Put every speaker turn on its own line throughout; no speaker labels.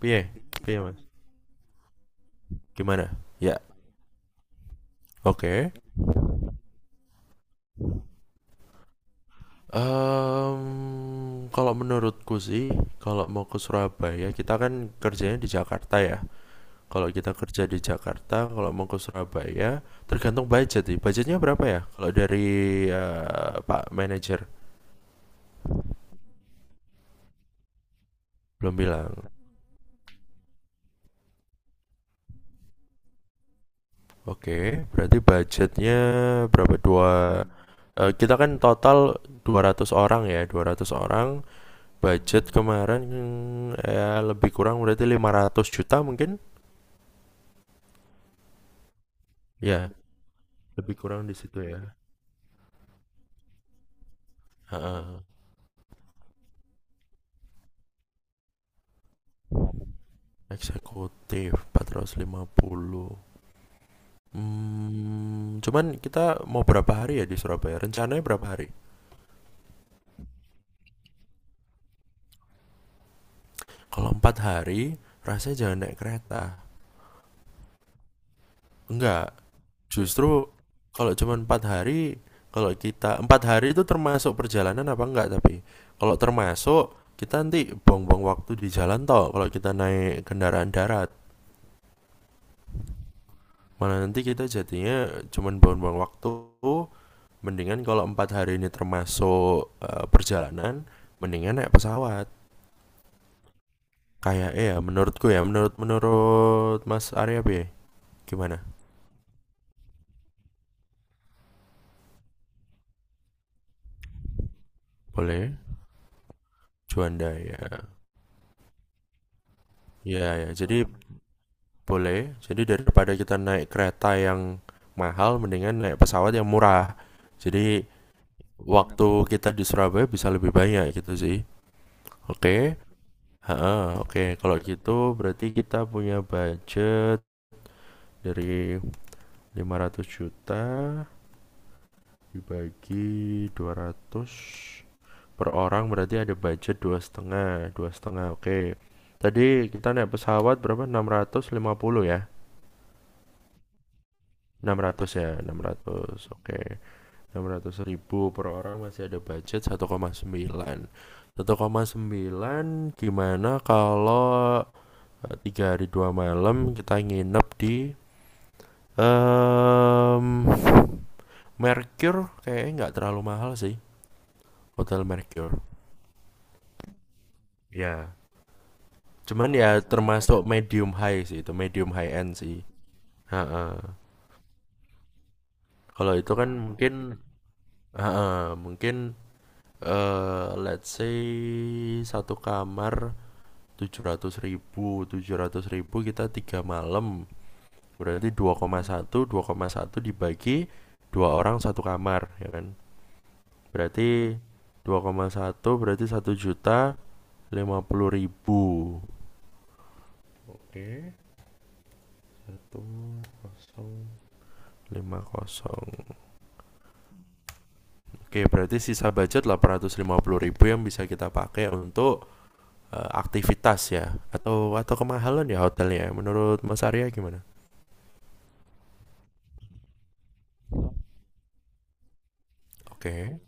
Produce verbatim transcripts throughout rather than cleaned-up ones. Piye? Piye, Mas? Gimana? Ya, oke. Em, kalau menurutku sih, kalau mau ke Surabaya, kita kan kerjanya di Jakarta ya. Kalau kita kerja di Jakarta, kalau mau ke Surabaya, tergantung budget sih. Budgetnya berapa ya? Kalau dari eh, Pak Manager belum bilang. Oke, berarti budgetnya berapa? Dua. Eh, kita kan total dua ratus orang ya, dua ratus orang. Budget kemarin ya lebih kurang berarti lima ratus juta mungkin, ya lebih kurang di situ ya. Heeh. Eksekutif empat ratus lima puluh. Hmm, cuman kita mau berapa hari ya di Surabaya, rencananya berapa hari? Kalau empat hari rasanya jangan naik kereta. Enggak. Justru kalau cuma empat hari, kalau kita empat hari itu termasuk perjalanan apa enggak? Tapi kalau termasuk, kita nanti buang-buang waktu di jalan toh. Kalau kita naik kendaraan darat, malah nanti kita jadinya cuma buang-buang waktu. Mendingan kalau empat hari ini termasuk eh, perjalanan, mendingan naik pesawat. Kayak eh ya menurutku ya, menurut menurut Mas Arya B, gimana? Boleh? Juanda ya. Ya ya, jadi boleh. Jadi daripada kita naik kereta yang mahal, mendingan naik pesawat yang murah. Jadi waktu kita di Surabaya bisa lebih banyak gitu sih. Oke. Heeh, oke. Kalau gitu berarti kita punya budget dari lima ratus juta dibagi dua ratus per orang, berarti ada budget dua setengah, dua setengah. Oke. Tadi kita naik pesawat berapa? Enam ratus lima puluh ya. Enam ratus ya, enam ratus. Oke. Enam ratus ribu per orang, masih ada budget satu satu koma sembilan, satu koma sembilan. Gimana kalau eh, tiga hari dua malam kita nginep di em Mercure? Kayaknya nggak terlalu mahal sih, hotel Mercure ya. Cuman ya termasuk medium high sih, itu medium high end sih. Kalau itu kan mungkin ha-ha, mungkin eh let's say satu kamar tujuh ratus ribu, tujuh ratus ribu kita tiga malam, berarti dua dua koma satu, dua koma satu dibagi dua orang satu kamar ya kan. Berarti dua koma satu berarti satu juta lima puluh ribu. Oke, satu kosong lima kosong. Oke, berarti sisa budget delapan ratus lima puluh ribu yang bisa kita pakai untuk eh, aktivitas ya, atau atau kemahalan ya hotelnya, menurut Mas Arya gimana? Oke.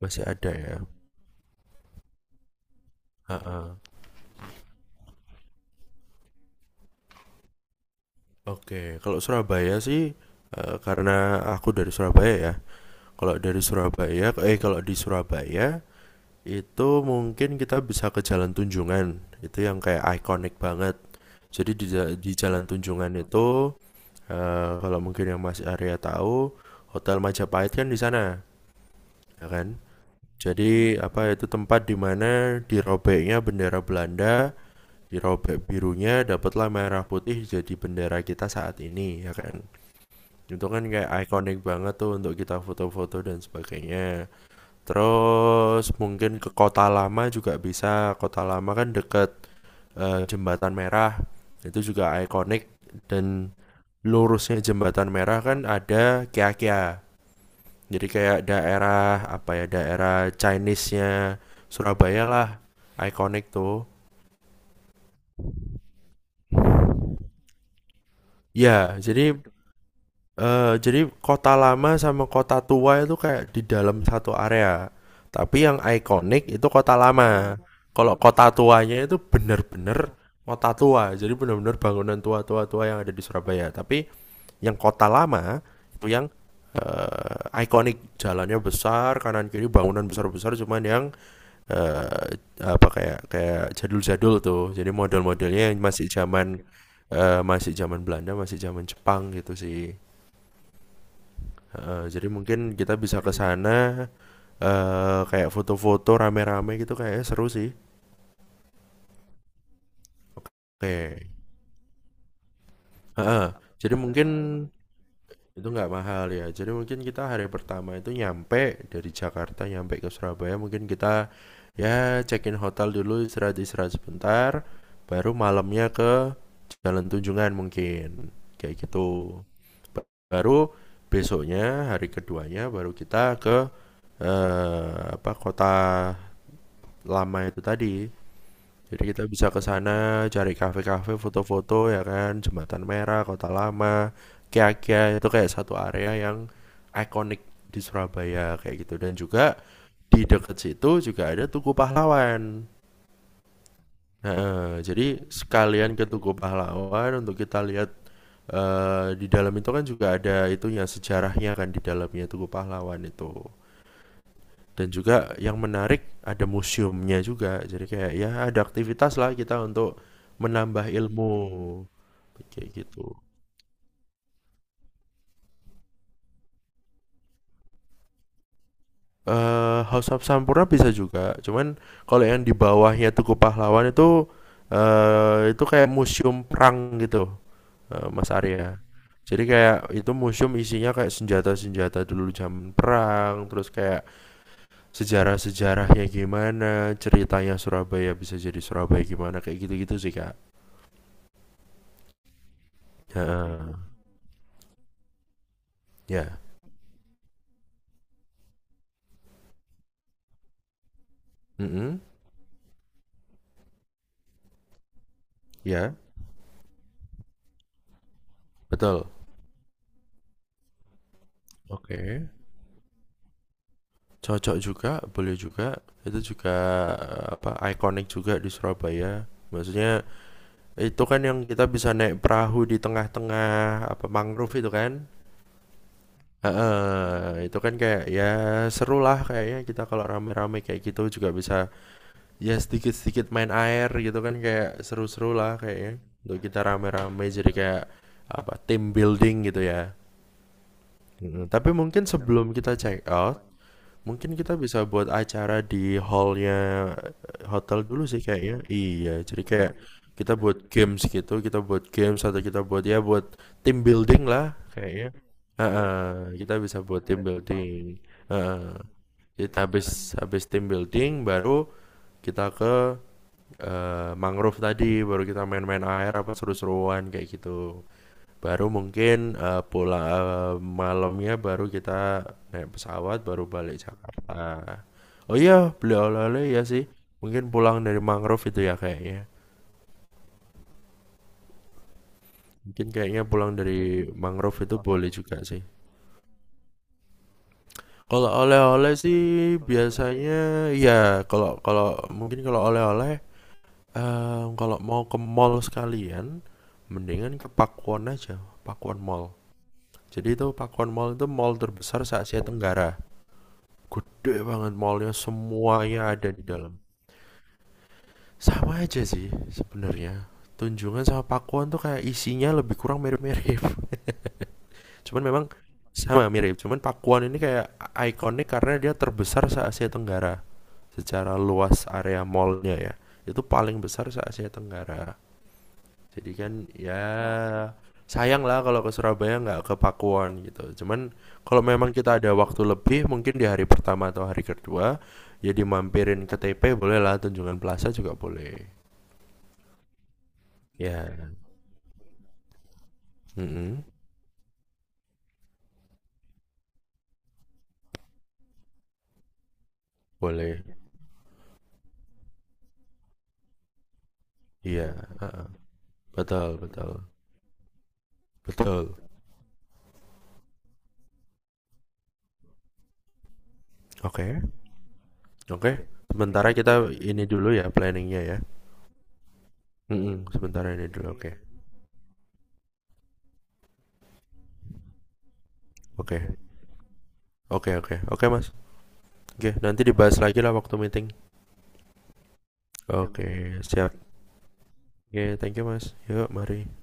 Masih ada ya. Ha-ha. Oke, kalau Surabaya sih, eh, karena aku dari Surabaya ya. Kalau dari Surabaya, eh kalau di Surabaya itu mungkin kita bisa ke Jalan Tunjungan. Itu yang kayak ikonik banget. Jadi di ja- di Jalan Tunjungan itu eh, kalau mungkin yang Mas Arya tahu, Hotel Majapahit kan di sana, ya kan? Jadi apa itu tempat di mana dirobeknya bendera Belanda, dirobek birunya, dapatlah merah putih jadi bendera kita saat ini, ya kan? Itu kan kayak ikonik banget tuh untuk kita foto-foto dan sebagainya. Terus mungkin ke Kota Lama juga bisa. Kota Lama kan deket eh, Jembatan Merah. Itu juga ikonik dan lurusnya Jembatan Merah kan ada Kia-Kia. Jadi kayak daerah apa ya, daerah Chinese-nya Surabaya lah. Ikonik tuh. Ya, jadi eh jadi kota lama sama kota tua itu kayak di dalam satu area. Tapi yang ikonik itu kota lama. Kalau kota tuanya itu bener-bener kota tua. Jadi bener-bener bangunan tua-tua-tua yang ada di Surabaya. Tapi yang kota lama itu yang eh, ikonik, jalannya besar, kanan kiri bangunan besar-besar. Cuman yang eh, apa, kayak kayak jadul-jadul tuh. Jadi model-modelnya yang masih zaman eh, masih zaman Belanda, masih zaman Jepang gitu sih. Heeh, jadi mungkin kita bisa ke sana eh kayak foto-foto rame-rame gitu kayaknya seru sih. Oke. Heeh. Jadi mungkin itu nggak mahal ya. Jadi mungkin kita hari pertama itu nyampe dari Jakarta nyampe ke Surabaya, mungkin kita ya check-in hotel dulu istirahat-istirahat sebentar, baru malamnya ke Jalan Tunjungan mungkin. Kayak gitu. Ba- Baru besoknya hari keduanya baru kita ke eh apa, kota lama itu tadi. Jadi kita bisa ke sana cari kafe-kafe, foto-foto ya kan, Jembatan Merah, Kota Lama, Kia-kia itu kayak satu area yang ikonik di Surabaya kayak gitu, dan juga di dekat situ juga ada Tugu Pahlawan. Nah, jadi sekalian ke Tugu Pahlawan untuk kita lihat eh, di dalam itu kan juga ada itunya sejarahnya kan, di dalamnya Tugu Pahlawan itu. Dan juga yang menarik ada museumnya juga, jadi kayak ya ada aktivitas lah kita untuk menambah ilmu kayak gitu. eh House of Sampurna bisa juga, cuman kalau yang di bawahnya Tugu Pahlawan itu eh itu kayak museum perang gitu, eh, Mas Arya, jadi kayak itu museum isinya kayak senjata-senjata dulu zaman perang, terus kayak sejarah-sejarahnya gimana ceritanya Surabaya bisa jadi Surabaya gimana, kayak gitu-gitu sih kak. Heeh. Ya. Mm-mm. Ya, betul. Oke. Cocok juga, boleh juga. Itu juga eh, apa, ikonik juga di Surabaya. Maksudnya itu kan yang kita bisa naik perahu di tengah-tengah apa mangrove itu kan. Heeh, itu kan kayak ya seru lah kayaknya kita kalau rame-rame kayak gitu juga bisa ya sedikit-sedikit main air gitu kan, kayak seru-seru lah kayaknya untuk kita rame-rame, jadi kayak apa team building gitu ya. Mm, Tapi mungkin sebelum kita check out, mungkin kita bisa buat acara di hallnya eh, hotel dulu sih kayaknya. Iya, jadi kayak kita buat games gitu, kita buat games atau kita buat ya buat team building lah kayaknya. Heeh, kita bisa buat team building. Heeh. Jadi habis habis team building baru kita ke eh, mangrove tadi, baru kita main-main air apa seru-seruan kayak gitu. Baru mungkin, eee, pulang, eee, malamnya baru kita naik pesawat, baru balik Jakarta. Oh iya, beli oleh-oleh ya sih, mungkin pulang dari mangrove itu ya kayaknya. Mungkin kayaknya pulang dari mangrove itu boleh juga sih. Kalau oleh-oleh sih biasanya ya, kalau kalau mungkin kalau oleh-oleh, eee, kalau mau ke mall sekalian, mendingan ke Pakuwon aja, Pakuwon Mall. Jadi itu Pakuwon Mall itu mall terbesar se-Asia Tenggara. Gede banget mallnya, semuanya ada di dalam. Sama aja sih sebenarnya, Tunjungan sama Pakuan tuh kayak isinya lebih kurang mirip-mirip. Cuman memang sama mirip, cuman Pakuan ini kayak ikonik karena dia terbesar se Asia Tenggara, secara luas area mallnya ya, itu paling besar se Asia Tenggara. Jadi kan ya sayang lah kalau ke Surabaya nggak ke Pakuwon gitu. Cuman kalau memang kita ada waktu lebih, mungkin di hari pertama atau hari kedua ya dimampirin ke T P boleh lah, Tunjungan Plaza juga boleh. Ya, mm-mm, boleh. Iya, heeh. Betul, betul, betul. Oke, oke. Sementara kita ini dulu ya planningnya ya. Mm-mm, sementara ini dulu. Oke, oke, oke, oke, oke Mas. Oke, nanti dibahas lagi lah waktu meeting. Oke, siap. Oke, thank you Mas. Yuk, mari.